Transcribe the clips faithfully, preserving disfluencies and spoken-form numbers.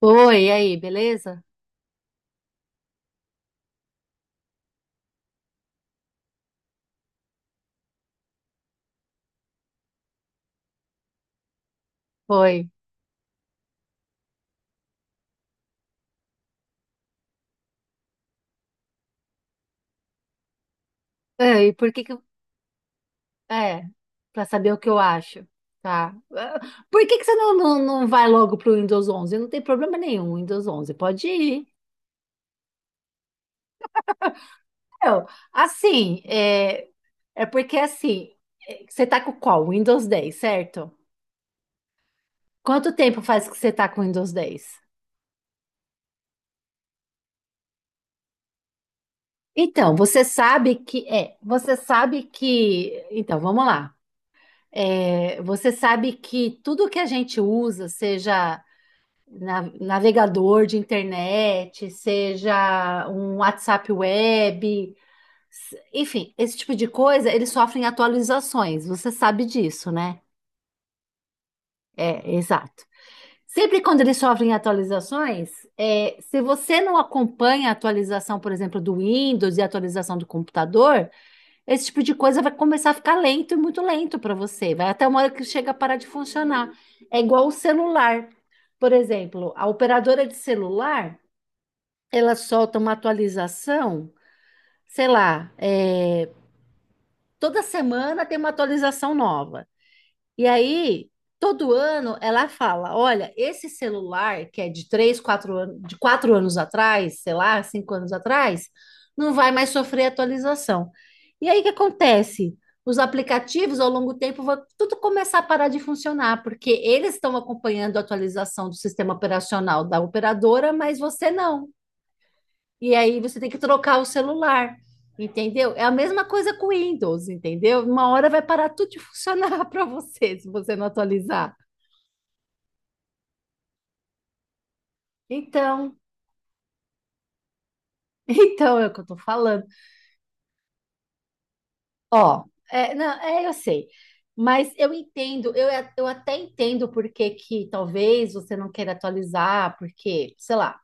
Oi, e aí, beleza? Oi. É, e por que que... É, pra saber o que eu acho, tá? Ah, Por que que você não, não, não vai logo pro Windows onze? Não tem problema nenhum, Windows onze, pode ir. Eu, assim, é, É porque, assim, é, você tá com qual? Windows dez, certo? Quanto tempo faz que você tá com Windows dez? Então, você sabe que... É, você sabe que... Então, vamos lá. É, você sabe que tudo que a gente usa, seja... na- navegador de internet, seja um WhatsApp web, s- enfim, esse tipo de coisa, eles sofrem atualizações. Você sabe disso, né? É, exato. Sempre quando eles sofrem atualizações, é, se você não acompanha a atualização, por exemplo, do Windows e a atualização do computador, esse tipo de coisa vai começar a ficar lento e muito lento para você. Vai até uma hora que chega a parar de funcionar. É igual o celular. Por exemplo, a operadora de celular ela solta uma atualização, sei lá, é, toda semana tem uma atualização nova. E aí, todo ano, ela fala: olha, esse celular que é de três, quatro anos, de quatro anos atrás, sei lá, cinco anos atrás, não vai mais sofrer atualização. E aí, o que acontece? Os aplicativos, ao longo do tempo, vão tudo começar a parar de funcionar, porque eles estão acompanhando a atualização do sistema operacional da operadora, mas você não. E aí você tem que trocar o celular, entendeu? É a mesma coisa com o Windows, entendeu? Uma hora vai parar tudo de funcionar para você se você não atualizar. Então, então é o que eu tô falando. Ó, é, não, é, eu sei. Mas eu entendo, eu, a- eu até entendo por que que talvez você não queira atualizar, porque, sei lá,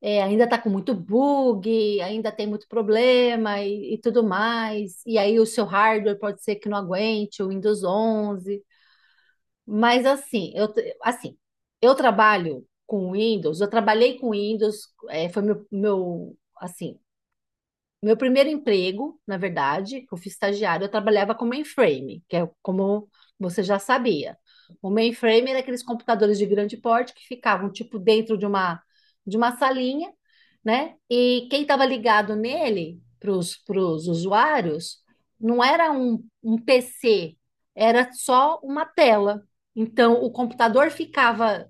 é, ainda tá com muito bug, ainda tem muito problema e, e tudo mais. E aí o seu hardware pode ser que não aguente, o Windows onze. Mas assim, eu, t- assim, eu trabalho com Windows, eu trabalhei com Windows, eh, foi meu, meu, assim, meu primeiro emprego, na verdade, eu fui estagiário, eu trabalhava com mainframe, que é como você já sabia. O mainframe era aqueles computadores de grande porte que ficavam tipo dentro de uma de uma salinha, né? E quem estava ligado nele para os usuários não era um, um P C, era só uma tela. Então o computador ficava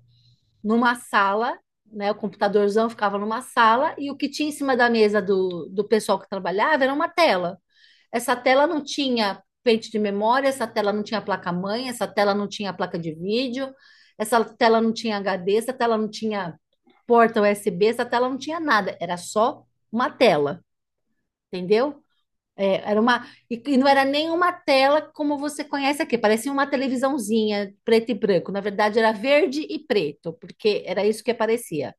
numa sala, né? O computadorzão ficava numa sala e o que tinha em cima da mesa do, do pessoal que trabalhava era uma tela. Essa tela não tinha pente de memória, essa tela não tinha placa-mãe, essa tela não tinha placa de vídeo, essa tela não tinha H D, essa tela não tinha porta U S B, essa tela não tinha nada, era só uma tela, entendeu? É, era uma, e, e não era nem uma tela como você conhece aqui, parecia uma televisãozinha preto e branco. Na verdade, era verde e preto, porque era isso que aparecia.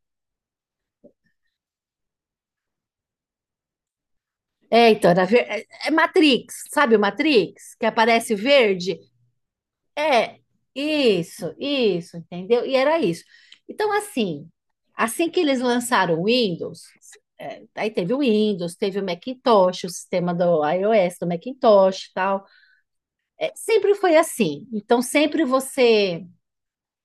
É, então, era ver, é, é Matrix, sabe o Matrix? Que aparece verde? É, isso, isso, entendeu? E era isso. Então, assim, assim que eles lançaram o Windows, é, aí teve o Windows, teve o Macintosh, o sistema do iOS, do Macintosh e tal. É, sempre foi assim. Então, sempre você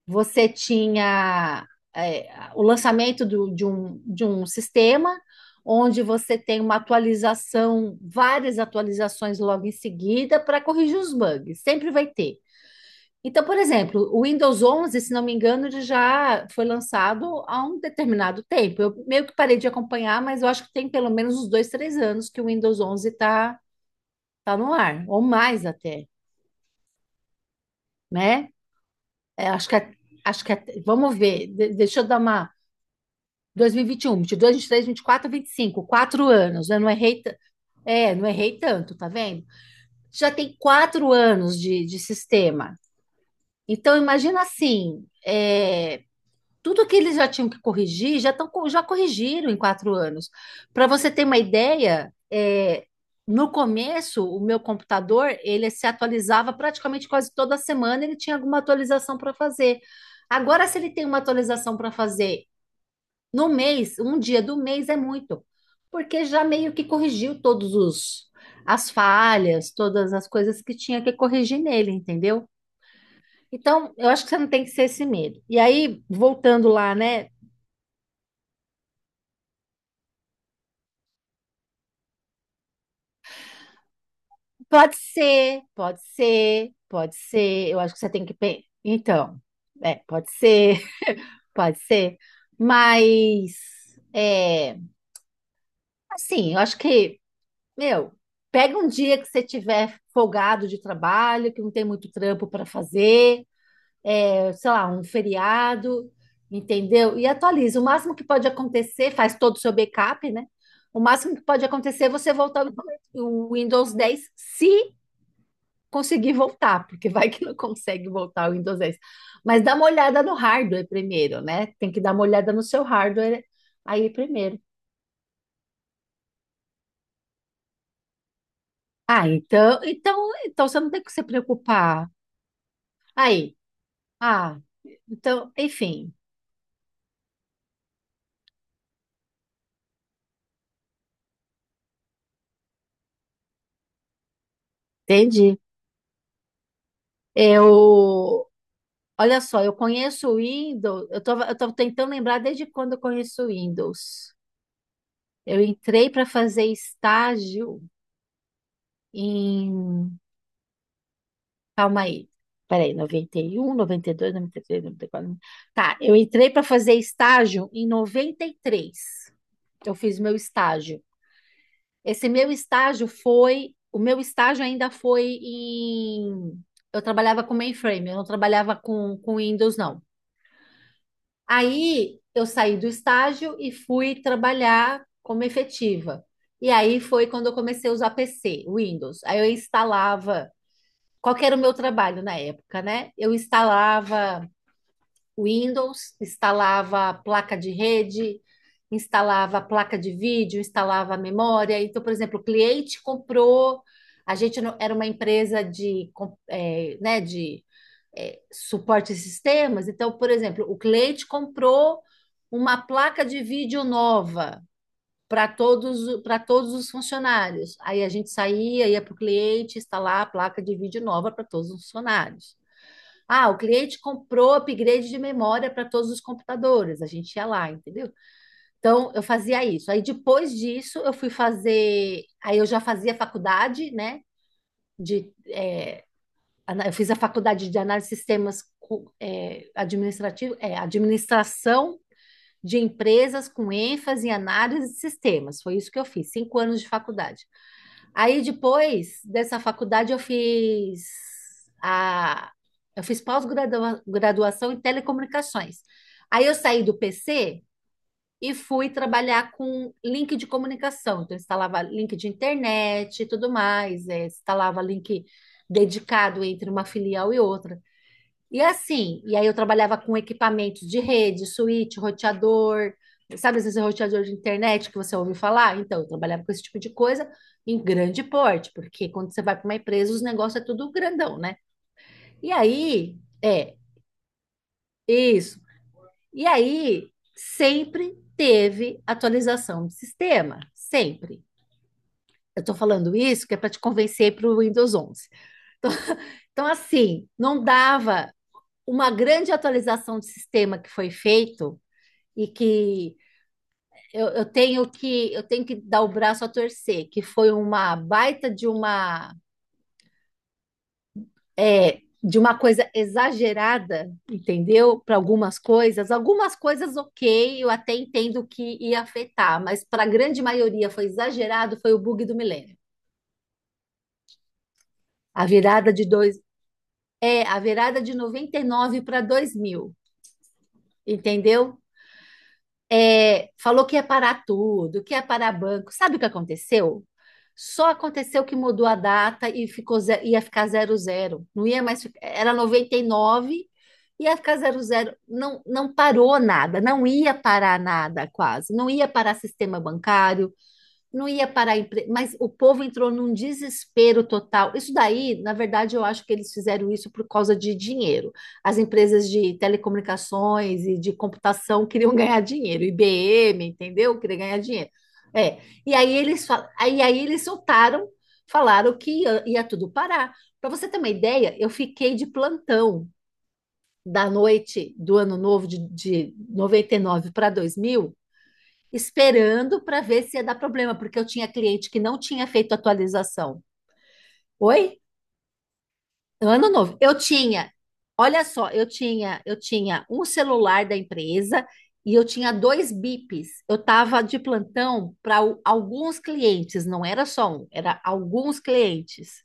você tinha é, o lançamento do- de um, de um sistema onde você tem uma atualização, várias atualizações logo em seguida para corrigir os bugs. Sempre vai ter. Então, por exemplo, o Windows onze, se não me engano, ele já foi lançado há um determinado tempo. Eu meio que parei de acompanhar, mas eu acho que tem pelo menos uns dois, três anos que o Windows onze está tá tá no ar, ou mais até, né? É, acho que, a- Acho que a- vamos ver, de- deixa eu dar uma... dois mil e vinte e um, vinte e dois, vinte e três, vinte e quatro, vinte e cinco, quatro vinte e cinco, quatro anos, né? Não errei, t- é, não errei tanto, tá vendo? Já tem quatro anos de, de sistema. Então, imagina assim, é, tudo que eles já tinham que corrigir, já, tão, co- já corrigiram em quatro anos. Para você ter uma ideia, é, no começo, o meu computador, ele se atualizava praticamente quase toda semana, ele tinha alguma atualização para fazer. Agora, se ele tem uma atualização para fazer no mês, um dia do mês é muito, porque já meio que corrigiu todos os as falhas, todas as coisas que tinha que corrigir nele, entendeu? Então, eu acho que você não tem que ser esse medo. E aí, voltando lá, né? Pode ser, pode ser, pode ser. Eu acho que você tem que pensar. Então, é, pode ser, pode ser. Mas, é, assim, eu acho que... Meu, pega um dia que você tiver folgado de trabalho, que não tem muito trampo para fazer, é, sei lá, um feriado, entendeu? E atualiza. O máximo que pode acontecer, faz todo o seu backup, né? O máximo que pode acontecer é você voltar o Windows dez se conseguir voltar, porque vai que não consegue voltar o Windows dez. Mas dá uma olhada no hardware primeiro, né? Tem que dar uma olhada no seu hardware aí primeiro. Ah, então, então, então você não tem que se preocupar. Aí, Ah, então, enfim, entendi. Eu, Olha só, eu conheço o Windows, eu tô, eu tô tentando lembrar desde quando eu conheço o Windows. Eu entrei para fazer estágio em, calma aí, peraí, noventa noventa noventa e e e um, dois, três, noventa e quatro. Tá, eu entrei para fazer estágio em noventa e três. Eu fiz meu estágio. Esse meu estágio foi, o meu estágio ainda foi em, Eu trabalhava com mainframe, eu não trabalhava com, com Windows, não. Aí eu saí do estágio e fui trabalhar como efetiva. E aí foi quando eu comecei a usar P C, Windows. Aí eu instalava, qual que era o meu trabalho na época, né? Eu instalava Windows, instalava placa de rede, instalava placa de vídeo, instalava memória. Então, por exemplo, o cliente comprou, a gente não- era uma empresa de, com- eh, né, de eh, suporte a sistemas. Então, por exemplo, o cliente comprou uma placa de vídeo nova para todos, para todos os funcionários. Aí a gente saía, ia para o cliente instalar a placa de vídeo nova para todos os funcionários. Ah, o cliente comprou upgrade de memória para todos os computadores. A gente ia lá, entendeu? Então, eu fazia isso. Aí, depois disso, eu fui fazer. Aí, eu já fazia faculdade, né? De, é, ana- eu fiz a faculdade de análise de sistemas co- é, administrativo, é, administração de empresas com ênfase em análise de sistemas. Foi isso que eu fiz, cinco anos de faculdade. Aí depois dessa faculdade eu fiz a eu fiz pós-graduação em telecomunicações. Aí eu saí do P C e fui trabalhar com link de comunicação. Então eu instalava link de internet e tudo mais, eh, instalava link dedicado entre uma filial e outra. E assim, e aí eu trabalhava com equipamentos de rede, switch, roteador, sabe esse roteador de internet que você ouviu falar? Então, eu trabalhava com esse tipo de coisa em grande porte, porque quando você vai para uma empresa, os negócios é tudo grandão, né? E aí, é, isso. E aí, sempre teve atualização de sistema, sempre. Eu estou falando isso que é para te convencer para o Windows onze. Então, assim, não dava uma grande atualização de sistema que foi feito e que eu, eu tenho que eu tenho que dar o braço a torcer, que foi uma baita de uma é, de uma coisa exagerada, entendeu? Para algumas coisas, algumas coisas ok, eu até entendo que ia afetar, mas para a grande maioria foi exagerado, foi o bug do milênio. A virada de dois, é, a virada de noventa e nove para dois mil, entendeu? É, falou que ia parar tudo, que ia parar banco. Sabe o que aconteceu? Só aconteceu que mudou a data e ficou, ze- ia ficar zero zero. Não ia mais, fi- era noventa e nove, ia ficar zero zero. Não, não parou nada, não ia parar nada quase. Não ia parar sistema bancário, não ia parar a empresa, mas o povo entrou num desespero total. Isso daí, na verdade, eu acho que eles fizeram isso por causa de dinheiro. As empresas de telecomunicações e de computação queriam ganhar dinheiro, I B M, entendeu? Queria ganhar dinheiro. É. E aí eles, fal- aí, aí eles soltaram, falaram que ia, ia tudo parar. Para você ter uma ideia, eu fiquei de plantão da noite do ano novo de, de noventa e nove para dois mil, esperando para ver se ia dar problema, porque eu tinha cliente que não tinha feito atualização. Oi? Ano novo. Eu tinha, olha só, eu tinha, eu tinha um celular da empresa e eu tinha dois bips. Eu estava de plantão para alguns clientes, não era só um, era alguns clientes.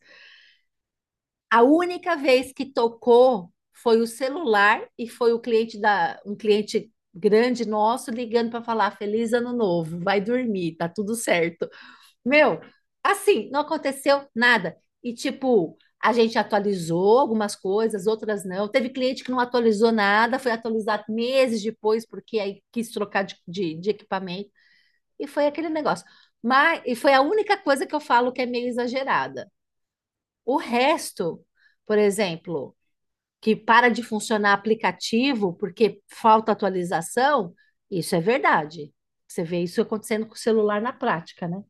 A única vez que tocou foi o celular e foi o cliente da um cliente grande nosso ligando para falar feliz ano novo, vai dormir, tá tudo certo. Meu, assim, não aconteceu nada. E, tipo, a gente atualizou algumas coisas, outras não. Teve cliente que não atualizou nada, foi atualizar meses depois, porque aí quis trocar de, de, de equipamento. E foi aquele negócio. Mas, e foi a única coisa que eu falo que é meio exagerada. O resto, por exemplo, que para de funcionar aplicativo porque falta atualização, isso é verdade. Você vê isso acontecendo com o celular na prática, né?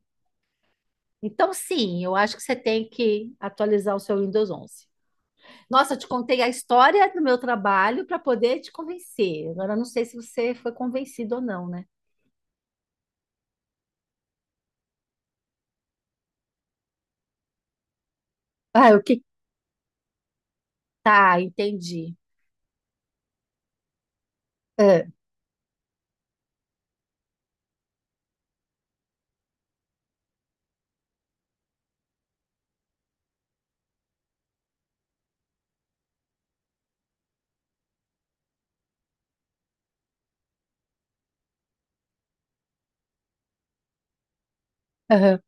Então, sim, eu acho que você tem que atualizar o seu Windows onze. Nossa, eu te contei a história do meu trabalho para poder te convencer. Agora, eu não sei se você foi convencido ou não, né? Ah, o que... Tá, entendi. É, aham,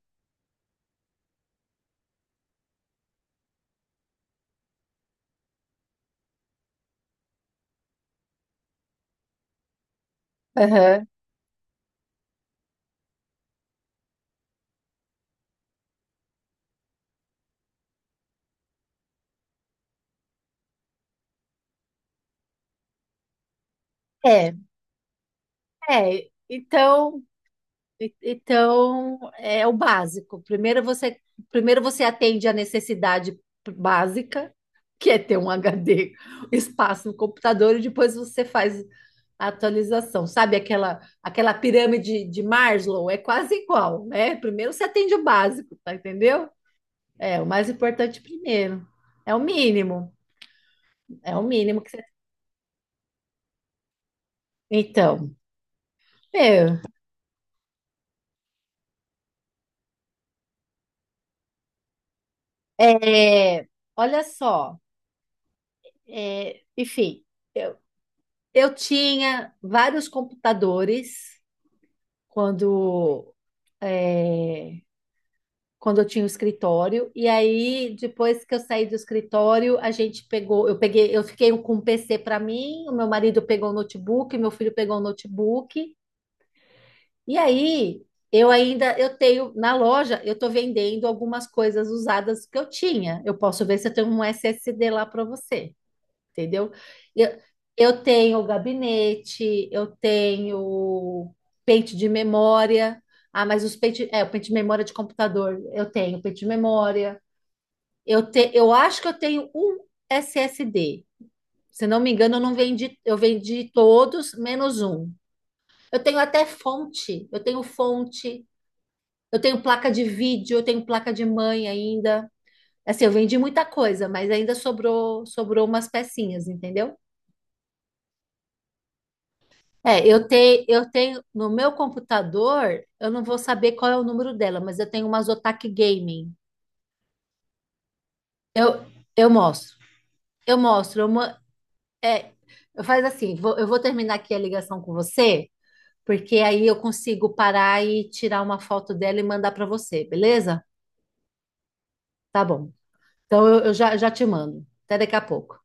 aham. É, É. Então, E- então, é o básico. Primeiro você, primeiro você atende a necessidade básica, que é ter um H D, espaço no computador, e depois você faz a atualização. Sabe aquela, aquela pirâmide de Maslow? É quase igual, né? Primeiro você atende o básico, tá entendeu? É, o mais importante primeiro. É o mínimo. É o mínimo que você... Então, meu, é, olha só, é, enfim. Eu tinha vários computadores quando, é, quando eu tinha o escritório, e aí depois que eu saí do escritório, a gente pegou, eu peguei, eu fiquei com um P C para mim, o meu marido pegou o notebook, meu filho pegou o notebook, e aí eu ainda eu tenho na loja, eu estou vendendo algumas coisas usadas que eu tinha. Eu posso ver se eu tenho um S S D lá para você, entendeu? Eu, eu tenho gabinete, eu tenho pente de memória. Ah, mas os pente, é, o pente de memória de computador, eu tenho pente de memória. Eu te, eu acho que eu tenho um S S D. Se não me engano, eu não vendi, eu vendi todos menos um. Eu tenho até fonte, eu tenho fonte, eu tenho placa de vídeo, eu tenho placa de mãe ainda. Assim, eu vendi muita coisa, mas ainda sobrou, sobrou umas pecinhas, entendeu? É, eu tenho, eu tenho no meu computador, eu não vou saber qual é o número dela, mas eu tenho umas Otaku Gaming. Eu, eu mostro, eu mostro. Eu, ma- é, eu faz assim, vou- eu vou terminar aqui a ligação com você, porque aí eu consigo parar e tirar uma foto dela e mandar para você, beleza? Tá bom. Então eu, eu já, já te mando. Até daqui a pouco.